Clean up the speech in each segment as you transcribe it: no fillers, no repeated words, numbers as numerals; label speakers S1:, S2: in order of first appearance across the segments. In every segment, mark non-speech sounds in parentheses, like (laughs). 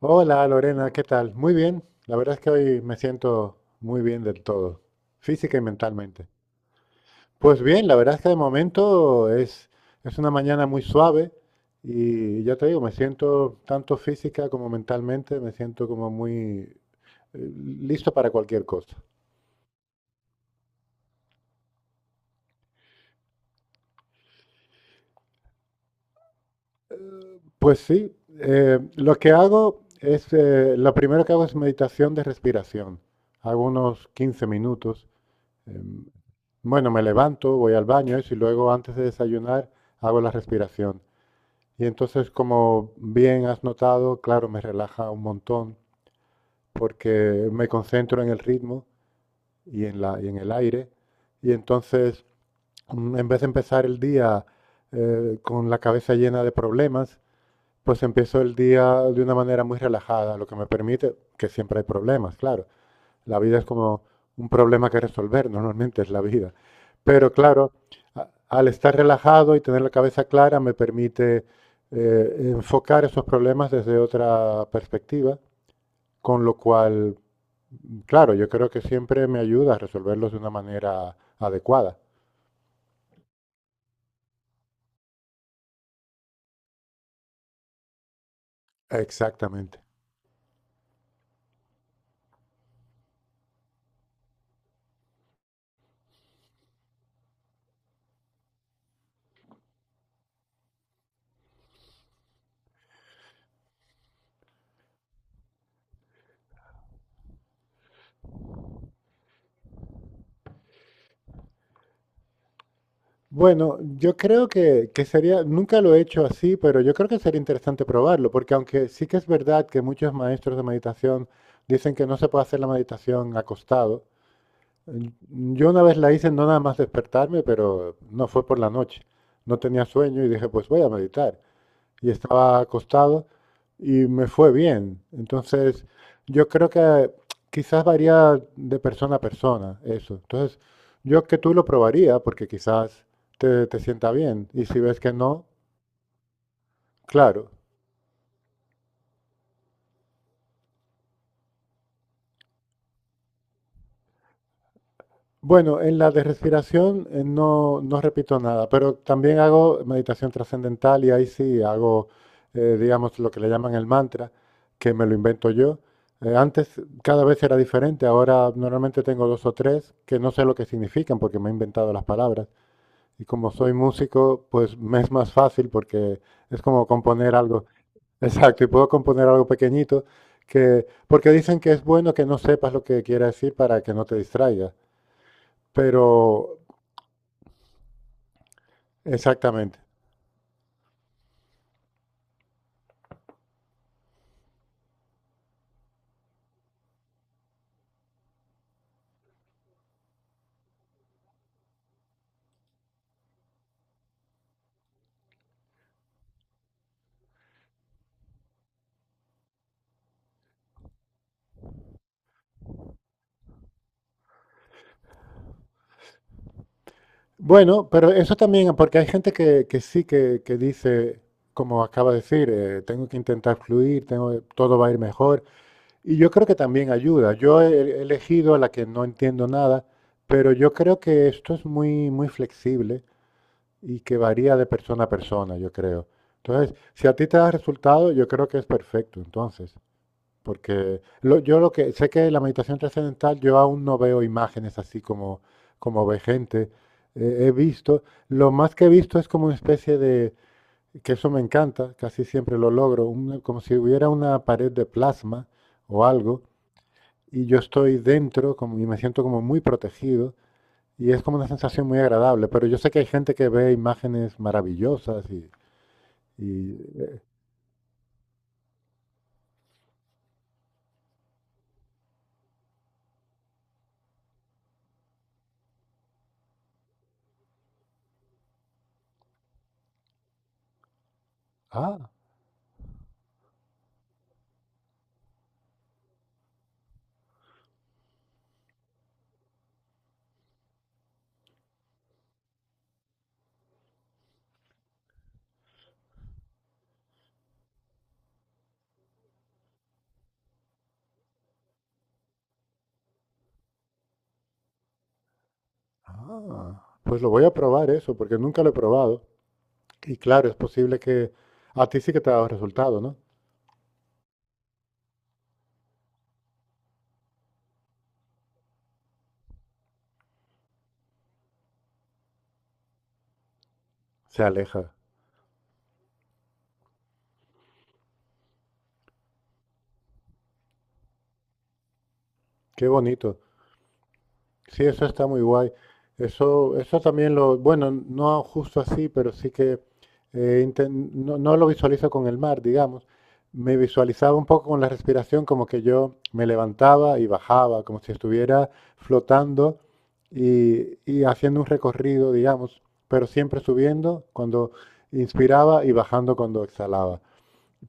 S1: Hola Lorena, ¿qué tal? Muy bien, la verdad es que hoy me siento muy bien del todo, física y mentalmente. Pues bien, la verdad es que de momento es una mañana muy suave y ya te digo, me siento tanto física como mentalmente, me siento como muy eh, listo para cualquier cosa. Pues sí, lo que hago es, lo primero que hago es meditación de respiración. Hago unos 15 minutos. Em, Bueno, me levanto, voy al baño eso, y luego antes de desayunar hago la respiración. Y entonces, como bien has notado, claro, me relaja un montón porque me concentro en el ritmo y y en el aire. Y entonces, en vez de empezar el día con la cabeza llena de problemas, pues empiezo el día de una manera muy relajada, lo que me permite, que siempre hay problemas, claro, la vida es como un problema que resolver, normalmente es la vida. Pero claro, al estar relajado y tener la cabeza clara me permite enfocar esos problemas desde otra perspectiva, con lo cual, claro, yo creo que siempre me ayuda a resolverlos de una manera adecuada. Exactamente. Bueno, yo creo que sería, nunca lo he hecho así, pero yo creo que sería interesante probarlo, porque aunque sí que es verdad que muchos maestros de meditación dicen que no se puede hacer la meditación acostado, yo una vez la hice no nada más despertarme, pero no fue por la noche, no tenía sueño y dije, pues voy a meditar y estaba acostado y me fue bien. Entonces, yo creo que quizás varía de persona a persona eso. Entonces, yo que tú lo probaría porque quizás te sienta bien y si ves que no, claro. Bueno, en la de respiración no, no repito nada, pero también hago meditación trascendental y ahí sí hago, digamos, lo que le llaman el mantra, que me lo invento yo. Antes cada vez era diferente, ahora normalmente tengo dos o tres que no sé lo que significan porque me he inventado las palabras. Y como soy músico, pues me es más fácil porque es como componer algo. (laughs) Exacto, y puedo componer algo pequeñito que, porque dicen que es bueno que no sepas lo que quiere decir para que no te distraigas. Pero exactamente. Bueno, pero eso también, porque hay gente que sí que dice, como acaba de decir, tengo que intentar fluir, todo va a ir mejor. Y yo creo que también ayuda. Yo he elegido a la que no entiendo nada, pero yo creo que esto es muy, muy flexible y que varía de persona a persona, yo creo. Entonces, si a ti te da resultado, yo creo que es perfecto, entonces. Porque yo lo que sé que la meditación trascendental, yo aún no veo imágenes así como ve gente. He visto, lo más que he visto es como una especie de, que eso me encanta, casi siempre lo logro, como si hubiera una pared de plasma o algo, y yo estoy dentro como, y me siento como muy protegido, y es como una sensación muy agradable. Pero yo sé que hay gente que ve imágenes maravillosas y, eh, ah, pues lo voy a probar eso, porque nunca lo he probado. Y claro, es posible que a ti sí que te ha dado resultado, ¿no? Se aleja. Qué bonito. Sí, eso está muy guay. Eso también lo, bueno, no justo así, pero sí que no, no lo visualizo con el mar, digamos. Me visualizaba un poco con la respiración, como que yo me levantaba y bajaba, como si estuviera flotando y haciendo un recorrido, digamos, pero siempre subiendo cuando inspiraba y bajando cuando exhalaba.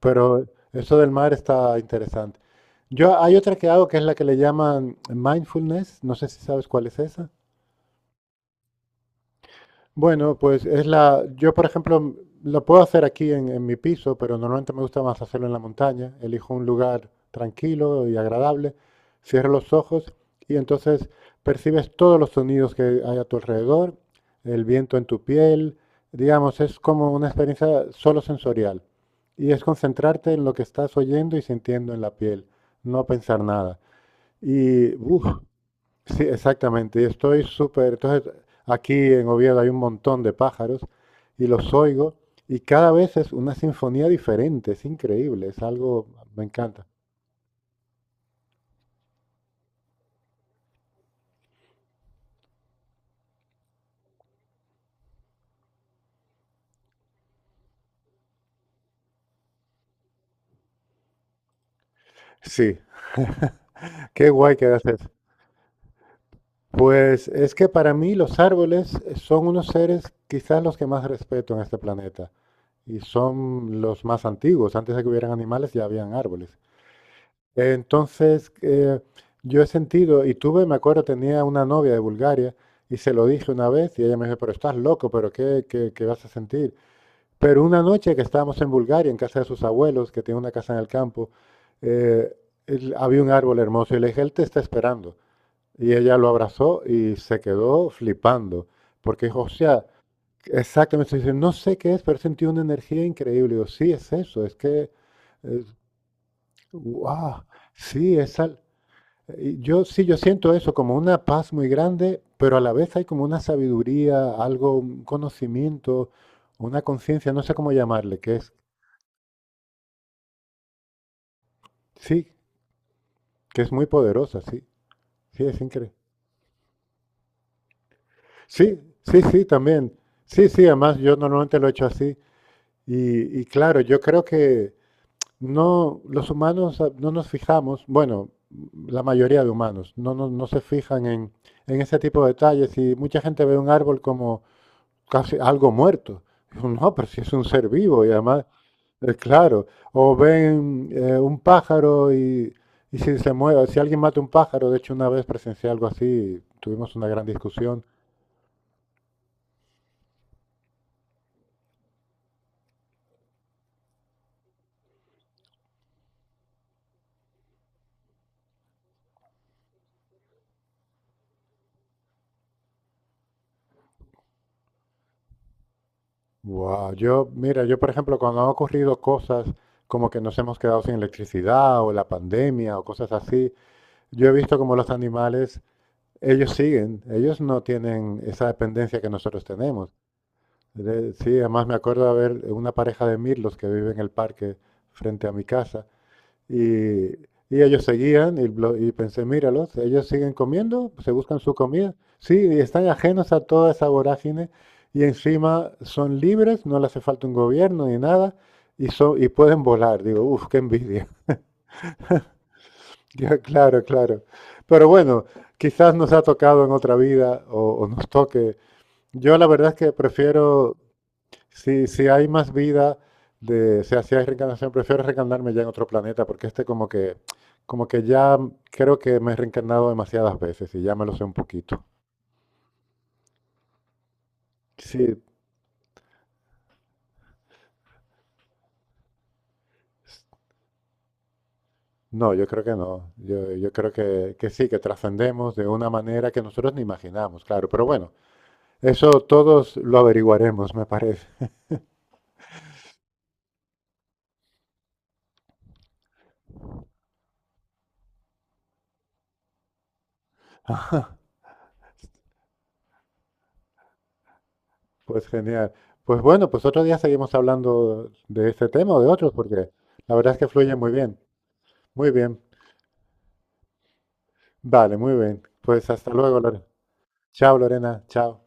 S1: Pero eso del mar está interesante. Yo hay otra que hago que es la que le llaman mindfulness, no sé si sabes cuál es esa. Bueno, pues es la. Yo, por ejemplo, lo puedo hacer aquí en mi piso, pero normalmente me gusta más hacerlo en la montaña. Elijo un lugar tranquilo y agradable, cierro los ojos y entonces percibes todos los sonidos que hay a tu alrededor, el viento en tu piel. Digamos, es como una experiencia solo sensorial. Y es concentrarte en lo que estás oyendo y sintiendo en la piel, no pensar nada. Y uf, sí, exactamente. Y estoy súper. Entonces, aquí en Oviedo hay un montón de pájaros y los oigo y cada vez es una sinfonía diferente. Es increíble. Es algo. Me encanta. Sí, qué guay que hagas eso. Pues es que para mí los árboles son unos seres quizás los que más respeto en este planeta y son los más antiguos. Antes de que hubieran animales ya habían árboles. Entonces, yo he sentido, y tuve, me acuerdo, tenía una novia de Bulgaria y se lo dije una vez y ella me dijo, pero estás loco, pero ¿qué vas a sentir? Pero una noche que estábamos en Bulgaria, en casa de sus abuelos, que tiene una casa en el campo, eh, había un árbol hermoso y le dije, él te está esperando. Y ella lo abrazó y se quedó flipando, porque dijo, o sea, exactamente, dice, no sé qué es, pero sentí una energía increíble. Y digo, sí, es eso, es que, wow, sí. Yo sí, yo siento eso como una paz muy grande, pero a la vez hay como una sabiduría, algo, un conocimiento, una conciencia, no sé cómo llamarle, que es, sí, que es muy poderosa, sí, sí, es increíble. Sí, sí, sí, también. Sí, sí, además yo normalmente lo he hecho así. Y claro, yo creo que no, los humanos no nos fijamos, bueno, la mayoría de humanos no, no, no se fijan en ese tipo de detalles y mucha gente ve un árbol como casi algo muerto. No, pero si es un ser vivo y además, claro, o ven un pájaro y si se mueve, si alguien mata un pájaro, de hecho una vez presencié algo así, tuvimos una gran discusión. Wow, yo, mira, yo por ejemplo, cuando han ocurrido cosas como que nos hemos quedado sin electricidad o la pandemia o cosas así, yo he visto como los animales, ellos siguen, ellos no tienen esa dependencia que nosotros tenemos. Sí, además me acuerdo de ver una pareja de mirlos que vive en el parque frente a mi casa y, y ellos seguían y pensé, míralos, ellos siguen comiendo, se buscan su comida. Sí, y están ajenos a toda esa vorágine y encima son libres, no les hace falta un gobierno ni nada y pueden volar. Digo, uff, qué envidia. (laughs) Ya, claro, claro. Pero bueno, quizás nos ha tocado en otra vida o nos toque. Yo la verdad es que prefiero. Si, si hay más vida de, o sea, si hay reencarnación, prefiero reencarnarme ya en otro planeta, porque este como que, ya creo que me he reencarnado demasiadas veces y ya me lo sé un poquito. Sí, s- no, yo creo que no. Yo creo que sí, que trascendemos de una manera que nosotros ni imaginamos, claro. Pero bueno, eso todos lo averiguaremos, me parece. (laughs) Ajá, pues genial. Pues bueno, pues otro día seguimos hablando de este tema o de otros, porque la verdad es que fluye muy bien. Muy bien. Vale, muy bien. Pues hasta luego, Lorena. Chao, Lorena. Chao.